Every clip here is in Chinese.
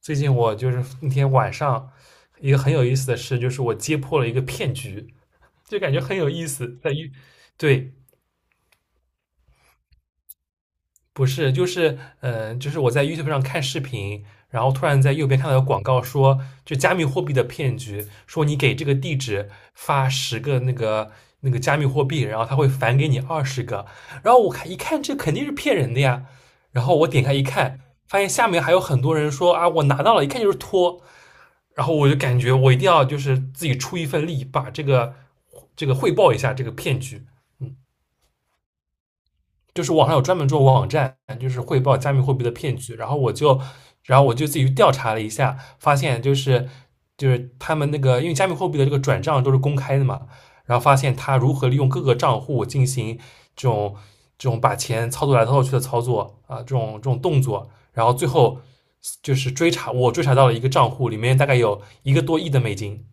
最近我就是那天晚上一个很有意思的事，就是我揭破了一个骗局，就感觉很有意思。在于。对。不是，就是我在 YouTube 上看视频，然后突然在右边看到有广告说，就加密货币的骗局，说你给这个地址发十个那个加密货币，然后他会返给你20个。然后我看一看，这肯定是骗人的呀。然后我点开一看，发现下面还有很多人说啊，我拿到了，一看就是托。然后我就感觉我一定要就是自己出一份力，把这个汇报一下这个骗局。嗯。就是网上有专门做网站，就是汇报加密货币的骗局。然后我就自己去调查了一下，发现就是他们那个，因为加密货币的这个转账都是公开的嘛，然后发现他如何利用各个账户进行这种这种把钱操作来操作去的操作啊，这种动作，然后最后就是追查，我追查到了一个账户里面大概有一个多亿的美金。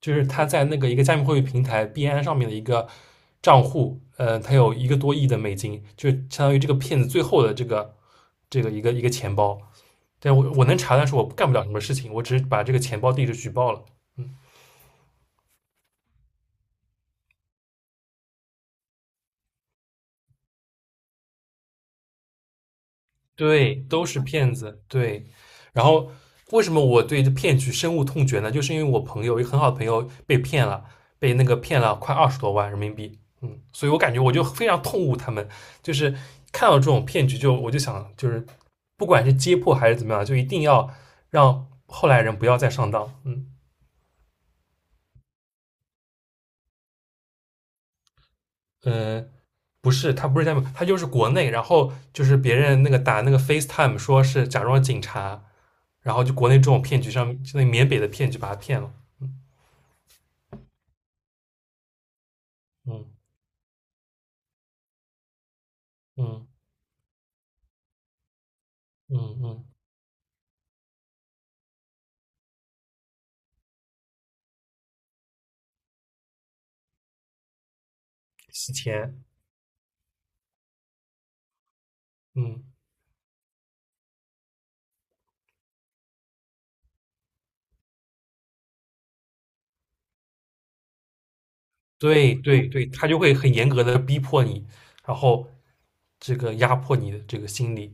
就是他在那个一个加密货币平台币安上面的一个账户，他有一个多亿的美金，就相当于这个骗子最后的这个一个钱包。但我能查，但是我干不了什么事情，我只是把这个钱包地址举报了。对，都是骗子。对，然后为什么我对这骗局深恶痛绝呢？就是因为我朋友一个很好的朋友被骗了，被那个骗了快20多万人民币。嗯，所以我感觉我就非常痛恶他们，就是看到这种骗局就我就想，就是不管是揭破还是怎么样，就一定要让后来人不要再上当。嗯呃，不是，他不是在美，他就是国内，然后就是别人那个打那个 FaceTime 说是假装警察，然后就国内这种骗局上面，那缅北的骗局把他骗了，嗯嗯嗯嗯，洗钱，嗯，对对对，他就会很严格的逼迫你，然后这个压迫你的这个心理，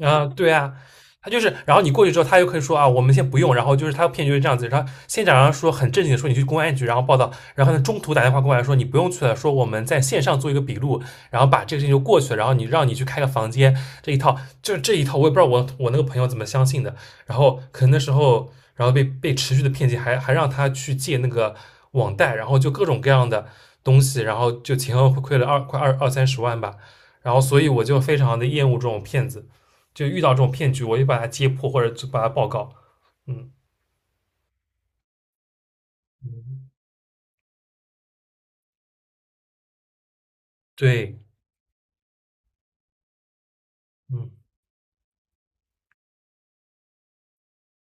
啊，对啊，他就是，然后你过去之后，他又可以说啊，我们先不用，然后就是他骗局就是这样子，然后先假装说很正经的说你去公安局，然后报道，然后呢中途打电话过来说你不用去了，说我们在线上做一个笔录，然后把这个事情就过去了，然后你让你去开个房间，这一套这一套，我也不知道我那个朋友怎么相信的，然后可能那时候，然后被持续的骗进，还让他去借那个网贷，然后就各种各样的东西，然后就前后亏了二快二二三十万吧，然后所以我就非常的厌恶这种骗子。就遇到这种骗局，我就把它揭破或者把它报告。嗯，对，嗯，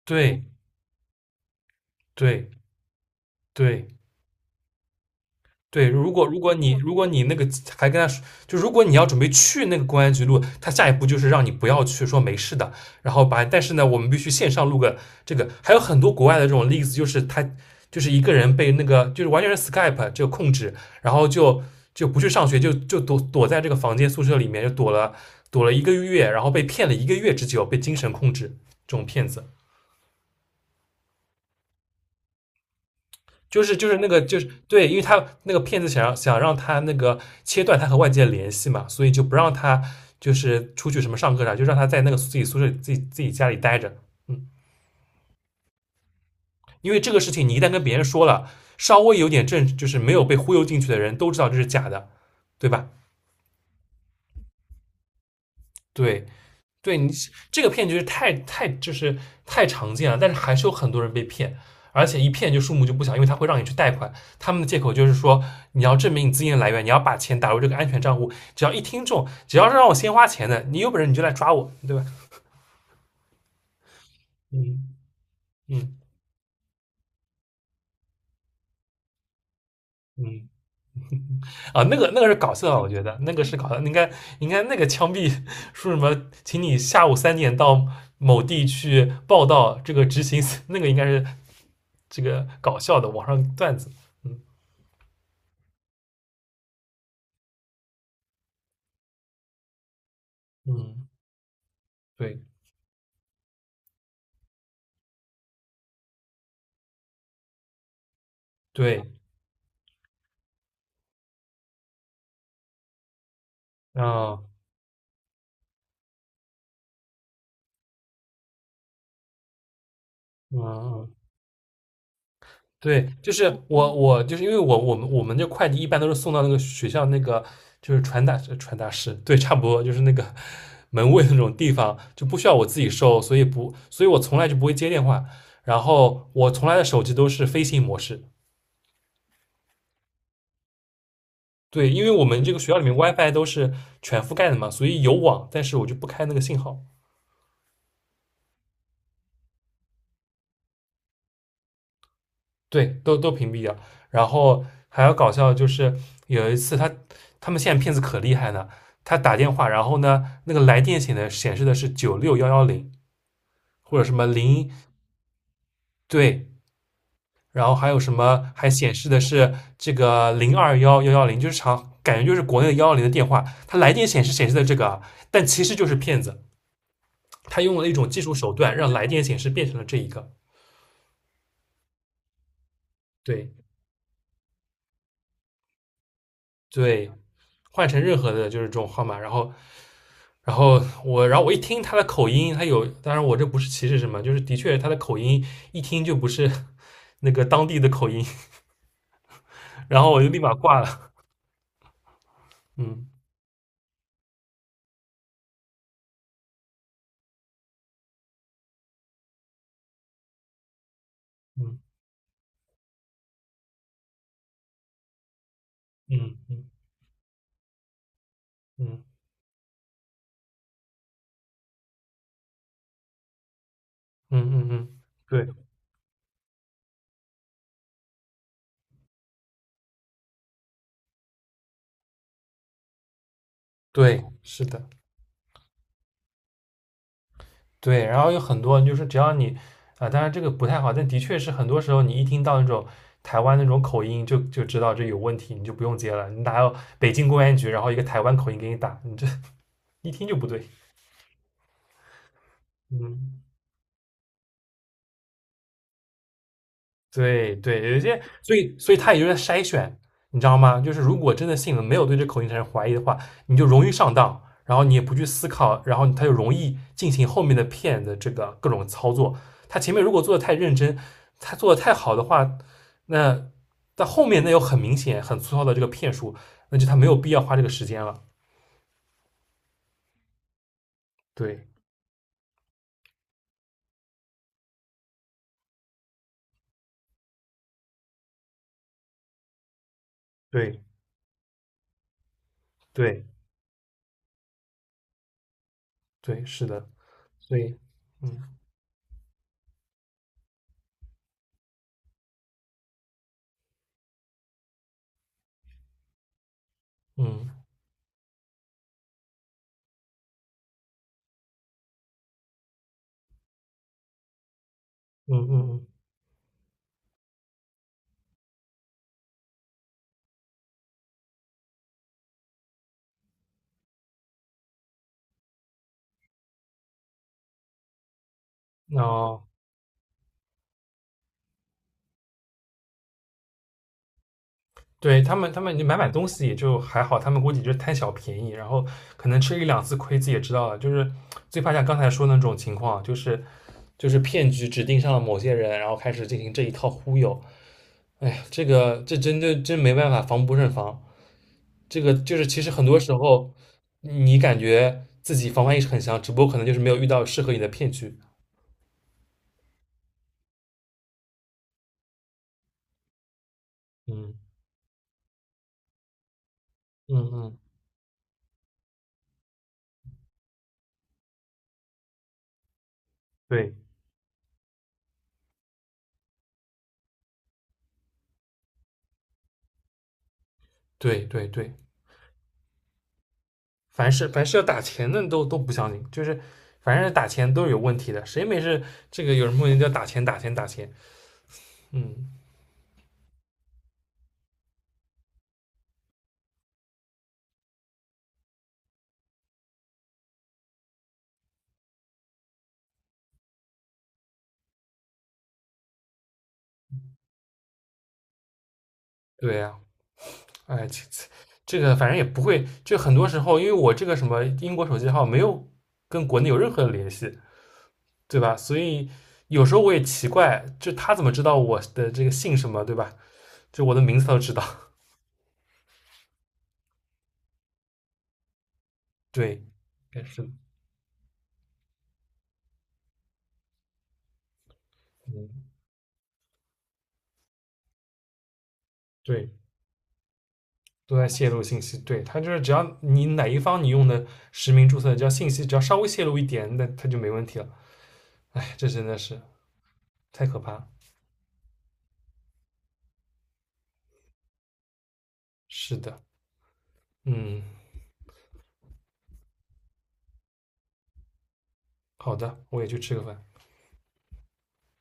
对，对，对，对，如果你那个还跟他说，就如果你要准备去那个公安局录，他下一步就是让你不要去，说没事的，然后把，但是呢，我们必须线上录个这个，还有很多国外的这种例子，就是他就是一个人被那个就是完全是 Skype 这个控制，然后就不去上学，就躲躲在这个房间宿舍里面，就躲了一个月，然后被骗了一个月之久，被精神控制这种骗子。就是对，因为他那个骗子想让他那个切断他和外界的联系嘛，所以就不让他就是出去什么上课啥，就让他在那个自己宿舍自己家里待着。嗯，因为这个事情你一旦跟别人说了，稍微有点就是没有被忽悠进去的人都知道这是假的，对吧？对，对你这个骗局是太太就是太常见了，但是还是有很多人被骗，而且一骗就数目就不小，因为他会让你去贷款，他们的借口就是说你要证明你资金的来源，你要把钱打入这个安全账户，只要一听中，只要是让我先花钱的，你有本事你就来抓我，对吧？嗯嗯嗯，啊，那个那个是搞笑的，我觉得那个是搞笑的，应该应该那个枪毙说什么，请你下午3点到某地去报道这个执行，那个应该是这个搞笑的网上段子。嗯，嗯，对对，啊，嗯嗯，对，就是我就是因为我们这快递一般都是送到那个学校那个就是传达室，对，差不多就是那个 门卫那种地方，就不需要我自己收，所以不，所以我从来就不会接电话，然后我从来的手机都是飞行模式，对，因为我们这个学校里面 WiFi 都是全覆盖的嘛，所以有网，但是我就不开那个信号。对，都都屏蔽掉。然后还要搞笑，的就是有一次他他们现在骗子可厉害呢，他打电话，然后呢那个来电显的显示的是96110或者什么零对，然后还有什么还显示的是这个021110，就是长感觉就是国内的幺幺零的电话，他来电显示显示的这个啊，但其实就是骗子，他用了一种技术手段让来电显示变成了这一个对。对，换成任何的就是这种号码，然后，然后我，然后我一听他的口音，他有，当然我这不是歧视什么，就是的确他的口音一听就不是 那个当地的口音，然后我就立马挂了。嗯嗯嗯嗯嗯嗯嗯嗯，对对，是的，对，然后有很多就是只要你啊、当然这个不太好，但的确是很多时候你一听到那种。台湾那种口音就知道这有问题，你就不用接了。你哪有北京公安局，然后一个台湾口音给你打，你这一听就不对。嗯，对对，有些，所以他也就是在筛选，你知道吗？就是如果真的信了，没有对这口音产生怀疑的话，你就容易上当，然后你也不去思考，然后他就容易进行后面的骗的这个各种操作。他前面如果做的太认真，他做的太好的话，那到后面那有很明显、很粗糙的这个骗术，那就他没有必要花这个时间了。对对对对，是的，所以嗯嗯嗯嗯嗯，那、对他们，他们你买买东西也就还好，他们估计就是贪小便宜，然后可能吃一两次亏自己也知道了。就是最怕像刚才说的那种情况，就是骗局指定上了某些人，然后开始进行这一套忽悠。哎，这个这真的真没办法，防不胜防。这个就是其实很多时候你感觉自己防范意识很强，只不过可能就是没有遇到适合你的骗局。嗯嗯嗯，对对对对。凡是要打钱的都都不相信，就是凡是打钱都是有问题的，谁没事这个有人莫名叫打钱打钱打钱？嗯，对呀、啊哎，这个反正也不会，就很多时候因为我这个什么英国手机号没有跟国内有任何的联系，对吧？所以有时候我也奇怪，就他怎么知道我的这个姓什么，对吧？就我的名字他都知道，对，但是的嗯，对。都在泄露信息。对，它就是只要你哪一方你用的实名注册，只要信息只要稍微泄露一点，那它就没问题了。哎，这真的是太可怕。是的，嗯，好的，我也去吃个饭。